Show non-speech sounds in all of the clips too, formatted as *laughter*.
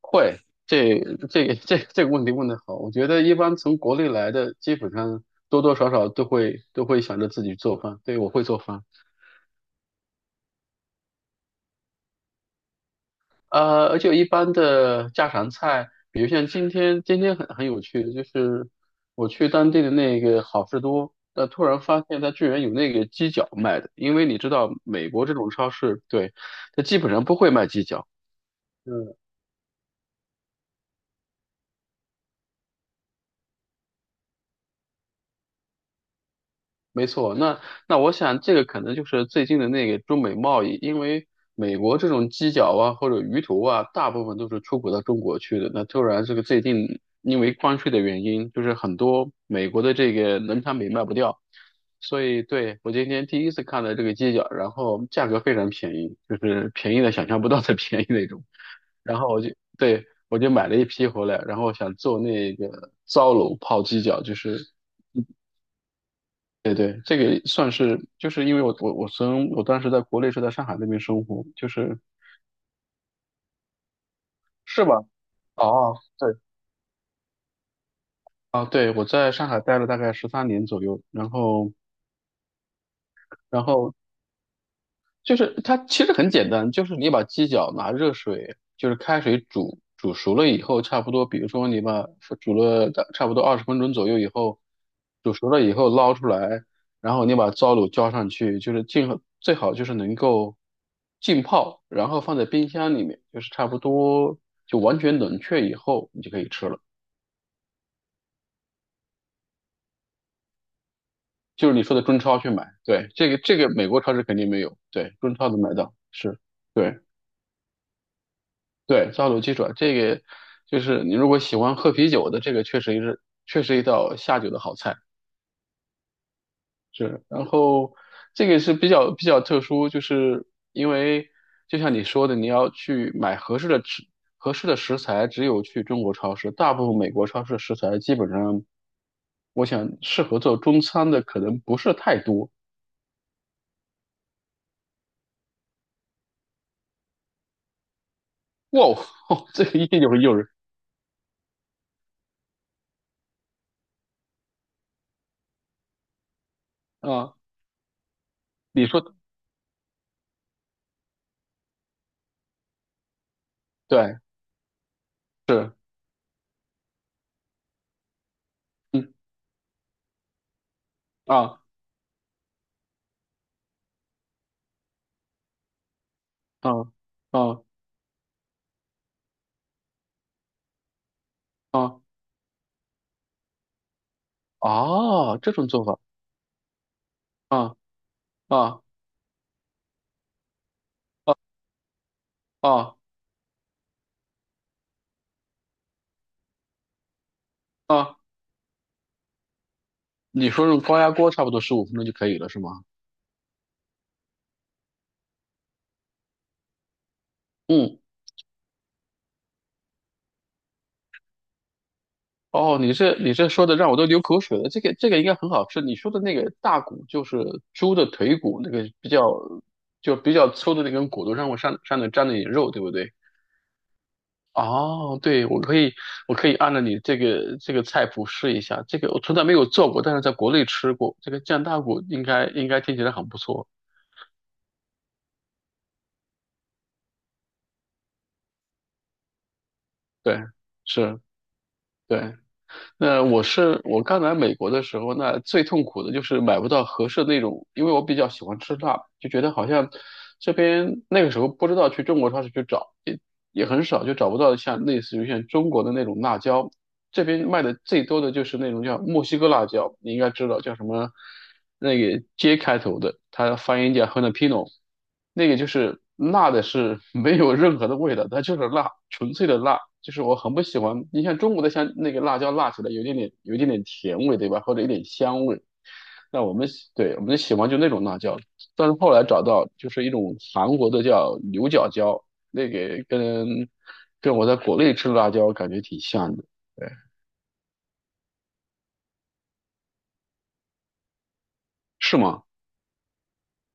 会，这这个问题问得好，我觉得一般从国内来的，基本上多多少少都会想着自己做饭。对，我会做饭，而且一般的家常菜，比如像今天，今天很有趣的，就是我去当地的那个好事多，突然发现它居然有那个鸡脚卖的，因为你知道美国这种超市，对，它基本上不会卖鸡脚。嗯。没错，那我想这个可能就是最近的那个中美贸易，因为美国这种鸡脚啊或者鱼头啊，大部分都是出口到中国去的。那突然这个最近因为关税的原因，就是很多美国的这个农产品卖不掉，所以对，我今天第一次看到这个鸡脚，然后价格非常便宜，就是便宜的想象不到的 *laughs* 便宜那种。然后对，我就买了一批回来，然后想做那个糟卤泡鸡脚，就是。对对，这个算是，就是因为我从我当时在国内是在上海那边生活，就是是吧？哦，对，啊，对，我在上海待了大概13年左右，然后然后就是它其实很简单，就是你把鸡脚拿热水，就是开水煮煮熟了以后，差不多，比如说你把煮了大差不多20分钟左右以后，煮熟了以后捞出来，然后你把糟卤浇上去，就是尽最好就是能够浸泡，然后放在冰箱里面，就是差不多就完全冷却以后，你就可以吃了。就是你说的中超去买，对，这个美国超市肯定没有，对，中超能买到，是，对。对，烧酒鸡爪这个就是你如果喜欢喝啤酒的，这个确实一道下酒的好菜。是，然后这个是比较特殊，就是因为就像你说的，你要去买合适的食材，只有去中国超市，大部分美国超市的食材基本上，我想适合做中餐的可能不是太多。哇哦，*laughs* 这个一定有诱人啊！你说对，是，嗯啊啊啊啊！哦，这种做法啊啊啊啊！你说用高压锅差不多15分钟就可以了，是吗？嗯，哦，你这说的让我都流口水了。这个应该很好吃。你说的那个大骨就是猪的腿骨，那个就比较粗的那根骨头让我上面沾了一点肉，对不对？哦，对，我可以按照你这个菜谱试一下。这个我从来没有做过，但是在国内吃过。这个酱大骨应该听起来很不错。对，是。对。那我刚来美国的时候，那最痛苦的就是买不到合适的那种，因为我比较喜欢吃辣，就觉得好像这边那个时候不知道去中国超市去找，也很少，就找不到像类似于像中国的那种辣椒。这边卖的最多的就是那种叫墨西哥辣椒，你应该知道叫什么，那个 J 开头的，它发音叫 Janapino 那个就是辣的是 *laughs* 没有任何的味道，它就是辣，纯粹的辣。就是我很不喜欢，你像中国的像那个辣椒辣起来有一点点甜味，对吧？或者有点香味。那我们喜对，我们喜欢就那种辣椒，但是后来找到就是一种韩国的叫牛角椒，那个跟我在国内吃的辣椒感觉挺像的。对，是吗？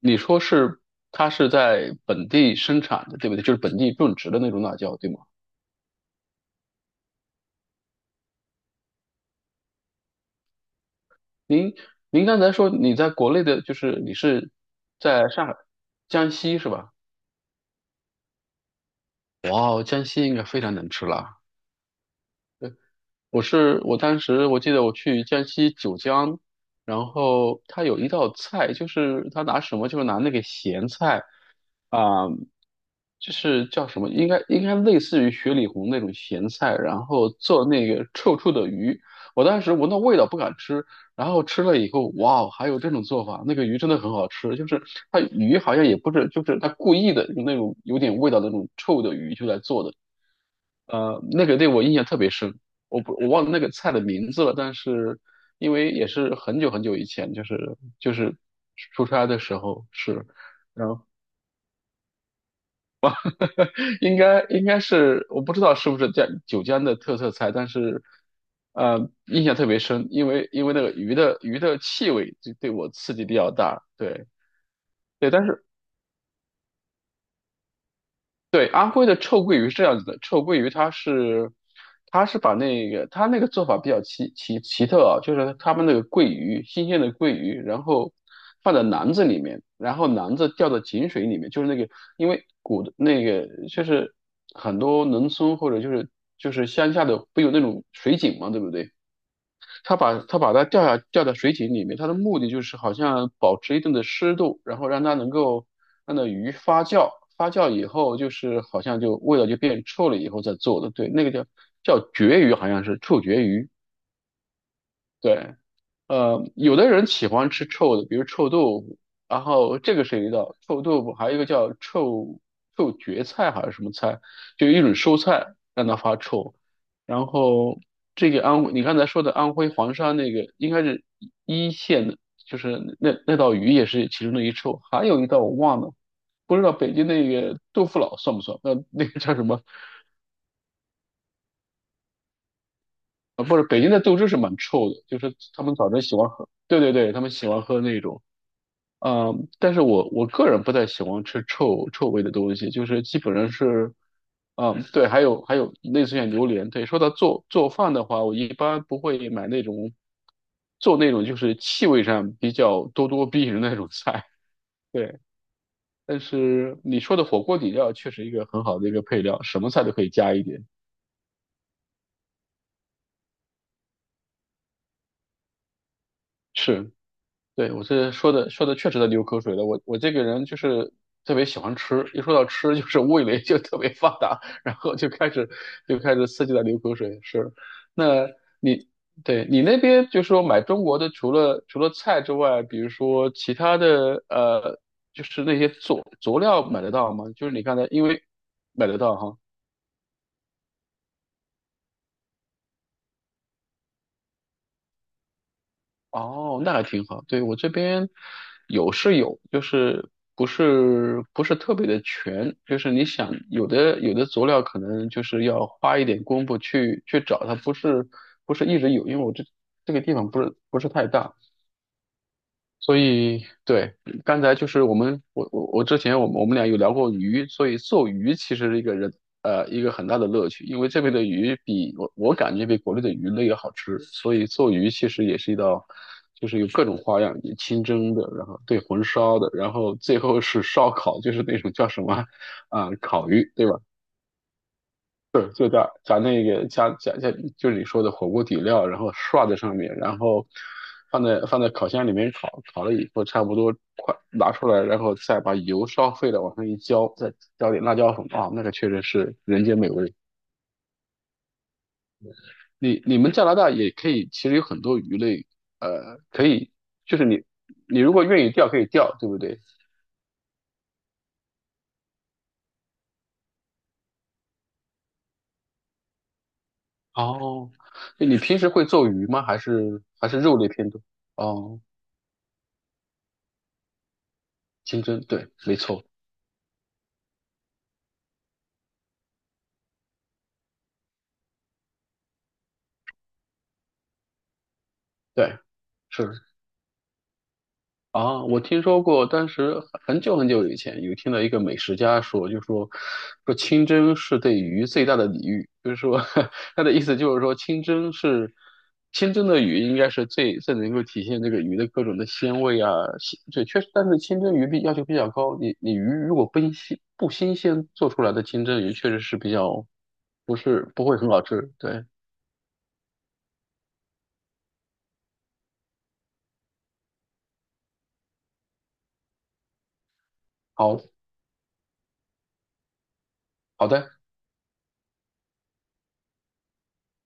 你说是它是在本地生产的，对不对？就是本地种植的那种辣椒，对吗？您您刚才说你在国内的，就是你是在上海、江西是吧？哇哦，江西应该非常能吃辣。我是我当时我记得我去江西九江，然后他有一道菜，就是他拿什么，就是拿那个咸菜。啊、就是叫什么，应该类似于雪里红那种咸菜，然后做那个臭臭的鱼。我当时闻到味道不敢吃，然后吃了以后，哇哦，还有这种做法，那个鱼真的很好吃。就是它鱼好像也不是，就是它故意的用那种有点味道的那种臭的鱼就来做的。那个对我印象特别深，我不我忘了那个菜的名字了，但是因为也是很久很久以前，就是出差的时候是，应该是我不知道是不是江九江的特色菜，但是印象特别深，因为那个鱼的气味就对我刺激比较大，对对，但是对，安徽的臭鳜鱼是这样子的，臭鳜鱼它是，它是把那个它那个做法比较奇特啊，就是他们那个鳜鱼，新鲜的鳜鱼，然后放在篮子里面，然后篮子掉到井水里面，就是那个，因为古的那个就是很多农村或者就是乡下的不有那种水井嘛，对不对？他把它掉在水井里面，它的目的就是好像保持一定的湿度，然后让它能够让那鱼发酵，发酵以后就是好像就味道就变臭了以后再做的，对，那个叫绝鱼，好像是臭绝鱼，对。有的人喜欢吃臭的，比如臭豆腐，然后这个是一道臭豆腐，还有一个叫臭蕨菜还是什么菜，就一种蔬菜让它发臭。然后这个安徽，你刚才说的安徽黄山那个应该是一线的，就是那道鱼也是其中的一臭，还有一道我忘了，不知道北京那个豆腐脑算不算？那个叫什么？啊，不是，北京的豆汁是蛮臭的，就是他们早晨喜欢喝，对对对，他们喜欢喝那种。嗯，但是我个人不太喜欢吃臭味的东西，就是基本上是，嗯，对，还有类似像榴莲，对，说到做饭的话，我一般不会买那种做那种就是气味上比较咄咄逼人的那种菜，对。但是你说的火锅底料确实一个很好的一个配料，什么菜都可以加一点，是。对，我这说的确实在流口水了。我这个人就是特别喜欢吃，一说到吃就是 *laughs* 味蕾就特别发达，然后就开始刺激的流口水。是，那你对，你那边就是说买中国的，除了菜之外，比如说其他的就是那些佐料买得到吗？就是你刚才因为买得到哈，哦，那还挺好。对，我这边有是有，就是不是特别的全，就是你想有的佐料可能就是要花一点功夫去找它，不是一直有，因为我这个地方不是太大，所以，对，刚才就是我们，我之前我们俩有聊过鱼，所以做鱼其实是一个很大的乐趣，因为这边的鱼我感觉比国内的鱼类要好吃，所以做鱼其实也是一道，就是有各种花样，有清蒸的，然后对红烧的，然后最后是烧烤，就是那种叫什么啊、烤鱼，对吧？对，就加加那个加加加，就是你说的火锅底料，然后刷在上面，然后放在烤箱里面烤，烤了以后差不多快拿出来，然后再把油烧沸了往上一浇，再浇点辣椒粉啊，那个确实是人间美味。你们加拿大也可以，其实有很多鱼类，可以，就是你如果愿意钓可以钓，对不对？哦，你平时会做鱼吗？还是肉类偏多？哦，清蒸，对，没错，对，是。啊，我听说过，当时很久很久以前有听到一个美食家说，说清蒸是对鱼最大的礼遇，就是说 *laughs* 他的意思就是说清蒸的鱼应该是最最能够体现这个鱼的各种的鲜味啊，鲜对，确实，但是清蒸鱼要求比较高，你鱼如果不新鲜做出来的清蒸鱼，确实是比较不会很好吃，对，好好的。